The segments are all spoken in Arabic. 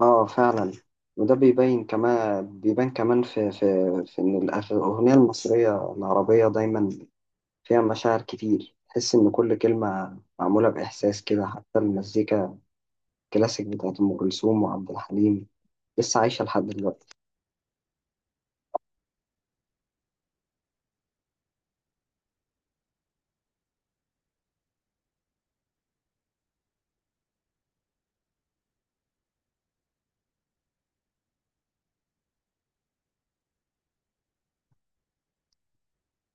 اه، فعلا. وده بيبين كمان بيبان كمان في ان الاغنيه المصريه العربيه دايما فيها مشاعر كتير. تحس ان كل كلمه معموله باحساس كده، حتى المزيكا الكلاسيك بتاعت ام كلثوم وعبد الحليم لسه عايشه لحد دلوقتي.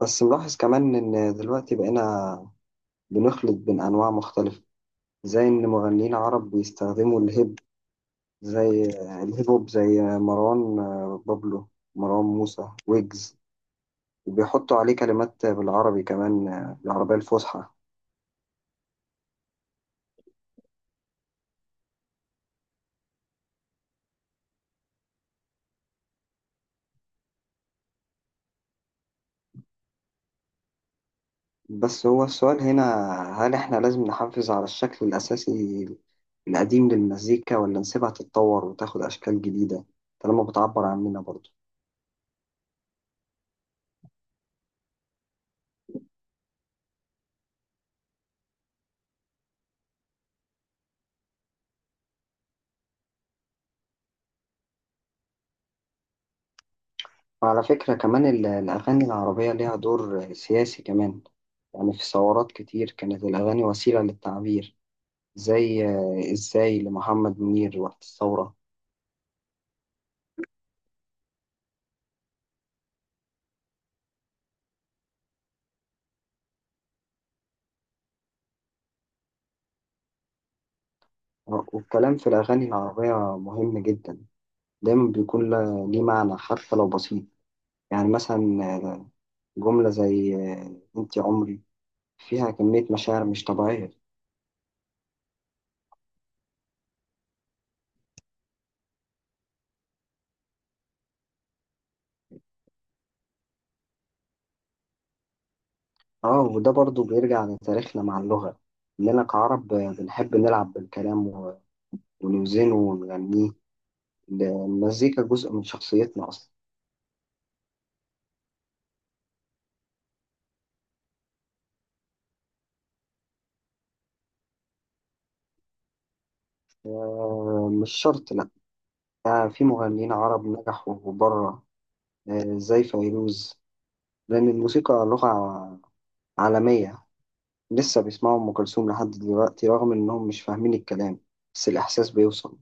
بس ملاحظ كمان ان دلوقتي بقينا بنخلط بين انواع مختلفه، زي ان مغنيين عرب بيستخدموا زي الهيب هوب، زي مروان بابلو، مروان موسى، ويجز، وبيحطوا عليه كلمات بالعربي كمان، العربية الفصحى. بس هو السؤال هنا، هل احنا لازم نحافظ على الشكل الأساسي القديم للمزيكا ولا نسيبها تتطور وتاخد أشكال جديدة طالما بتعبر عننا برضه؟ وعلى فكرة كمان الأغاني العربية ليها دور سياسي كمان. يعني في ثورات كتير كانت الأغاني وسيلة للتعبير، زي إزاي لمحمد منير وقت الثورة. والكلام في الأغاني العربية مهم جدا، دايما بيكون ليه معنى حتى لو بسيط. يعني مثلا، جملة زي أنت عمري فيها كمية مشاعر مش طبيعية. آه، وده برضو بيرجع لتاريخنا مع اللغة، إننا كعرب بنحب نلعب بالكلام ونوزنه ونغنيه. المزيكا جزء من شخصيتنا أصلا. مش شرط، لأ. في مغنيين عرب نجحوا بره، زي فيروز، لأن الموسيقى لغة عالمية. لسه بيسمعوا أم كلثوم لحد دلوقتي رغم إنهم مش فاهمين الكلام، بس الإحساس بيوصل.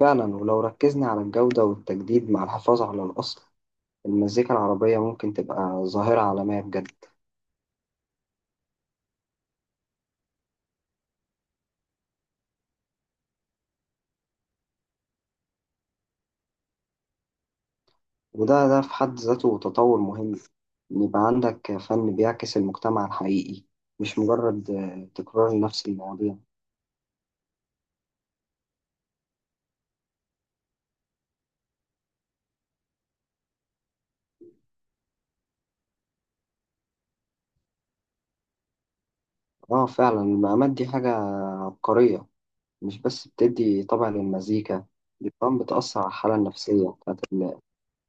فعلا، ولو ركزنا على الجودة والتجديد مع الحفاظ على الأصل، المزيكا العربية ممكن تبقى ظاهرة عالمية بجد. وده في حد ذاته تطور مهم، إن يبقى عندك فن بيعكس المجتمع الحقيقي، مش مجرد تكرار لنفس المواضيع. اه فعلا، المقامات دي حاجة عبقرية. مش بس بتدي طبع للمزيكا، دي كمان بتأثر على الحالة النفسية بتاعت اللي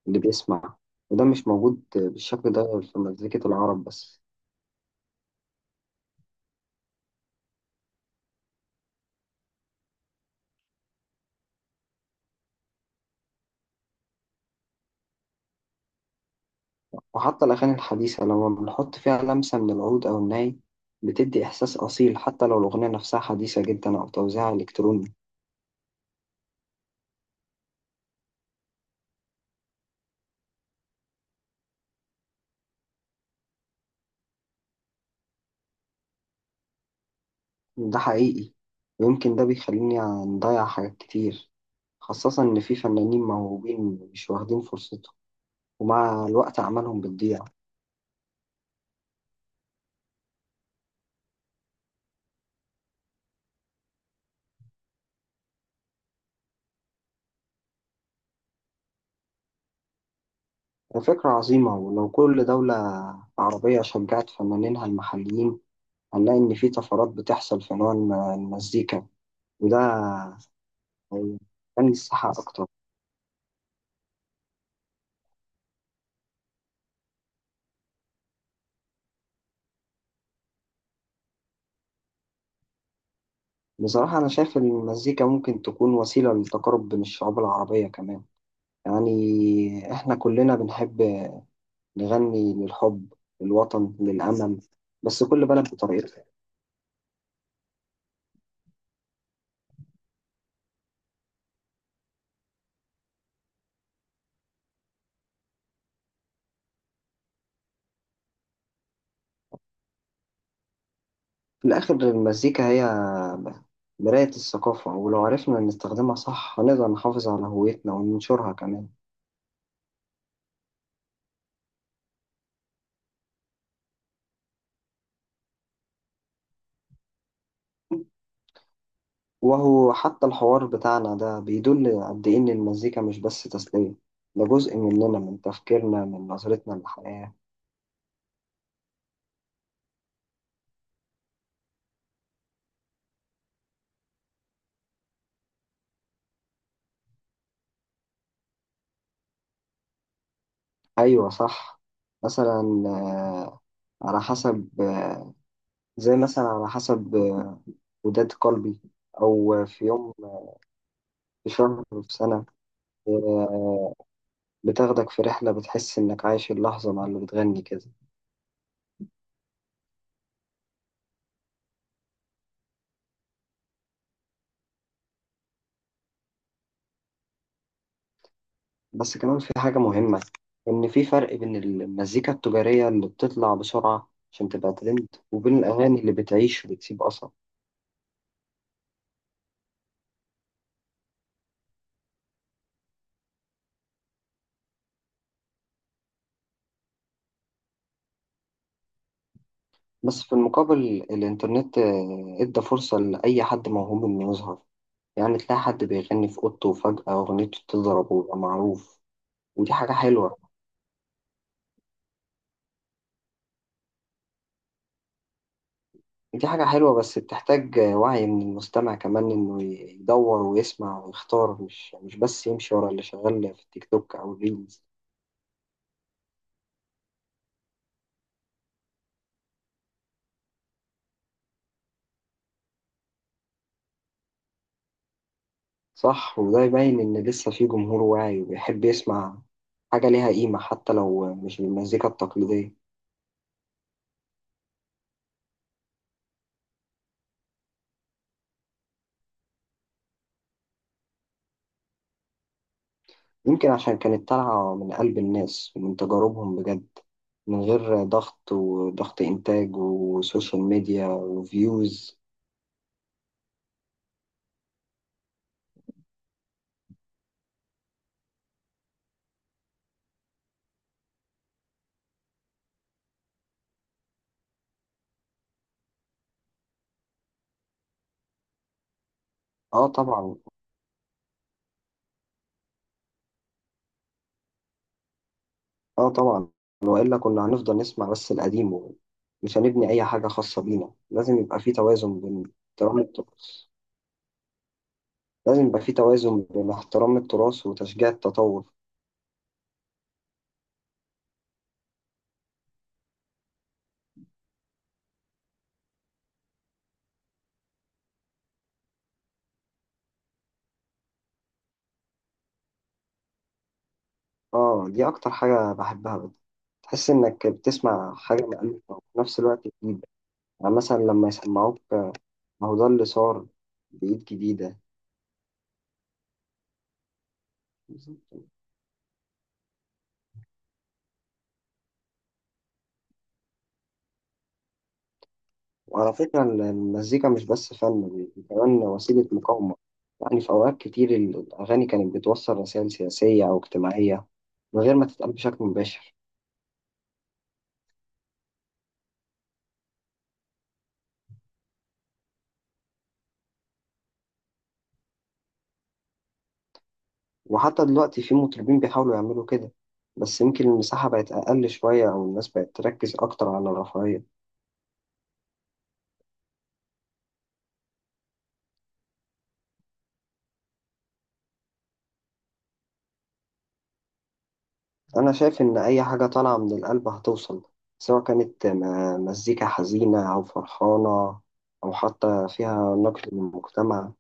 اللي بيسمع. وده مش موجود بالشكل ده في مزيكة العرب بس. وحتى الأغاني الحديثة لما بنحط فيها لمسة من العود أو الناي بتدي إحساس أصيل، حتى لو الأغنية نفسها حديثة جدا أو توزيعها إلكتروني. ده حقيقي، ويمكن ده بيخليني نضيع حاجات كتير، خاصة إن في فنانين موهوبين مش واخدين فرصتهم، ومع الوقت أعمالهم بتضيع. فكرة عظيمة، ولو كل دولة عربية شجعت فنانينها المحليين، هنلاقي إن في طفرات بتحصل في نوع المزيكا، وده هيخلي الساحة أكتر. بصراحة أنا شايف إن المزيكا ممكن تكون وسيلة للتقارب بين الشعوب العربية كمان. يعني إحنا كلنا بنحب نغني للحب، للوطن، للأمل، بس كل بلد بطريقتها. في الآخر المزيكا هي مراية الثقافة، ولو عرفنا نستخدمها صح هنقدر نحافظ على هويتنا وننشرها كمان. وهو حتى الحوار بتاعنا ده بيدل قد إيه إن المزيكا مش بس تسلية، ده جزء مننا، من تفكيرنا، من نظرتنا للحياة. ايوه صح. مثلا آه، على حسب آه، زي مثلا على حسب وداد قلبي، او في يوم، في شهر، في سنه. آه، بتاخدك في رحله، بتحس انك عايش اللحظه مع اللي بتغني كده. بس كمان في حاجه مهمه، ان في فرق بين المزيكا التجاريه اللي بتطلع بسرعه عشان تبقى ترند، وبين الاغاني اللي بتعيش وبتسيب اثر. بس في المقابل، الانترنت ادى فرصه لاي حد موهوب انه يظهر. يعني تلاقي حد بيغني في أوضته وفجأة أغنيته تضرب ويبقى معروف. ودي حاجة حلوة. دي حاجة حلوة بس بتحتاج وعي من المستمع كمان، إنه يدور ويسمع ويختار، مش بس يمشي ورا اللي شغال في التيك توك أو الريلز. صح، وده يبين إن لسه في جمهور واعي وبيحب يسمع حاجة ليها قيمة، حتى لو مش بالمزيكا التقليدية. يمكن عشان كانت طالعة من قلب الناس ومن تجاربهم بجد، من غير ضغط وضغط إنتاج وسوشيال ميديا وفيوز. اه طبعا. اه طبعا، والا كنا هنفضل نسمع بس القديم ومش هنبني اي حاجه خاصه بينا. لازم يبقى في توازن بين احترام التراث وتشجيع التطور. اه، دي اكتر حاجه بحبها بجد. تحس انك بتسمع حاجه مألوفه وفي نفس الوقت جديده. يعني مثلا لما يسمعوك، ما هو ده اللي صار بإيد جديده. وعلى فكرة المزيكا مش بس فن، دي كمان وسيلة مقاومة. يعني في أوقات كتير الأغاني كانت بتوصل رسائل سياسية أو اجتماعية من غير ما تتقال بشكل مباشر. وحتى دلوقتي في مطربين بيحاولوا يعملوا كده، بس يمكن المساحة بقت أقل شوية أو الناس بقت تركز أكتر على الرفاهية. أنا شايف إن أي حاجة طالعة من القلب هتوصل، سواء كانت مزيكا حزينة أو فرحانة، أو حتى فيها نقد للمجتمع.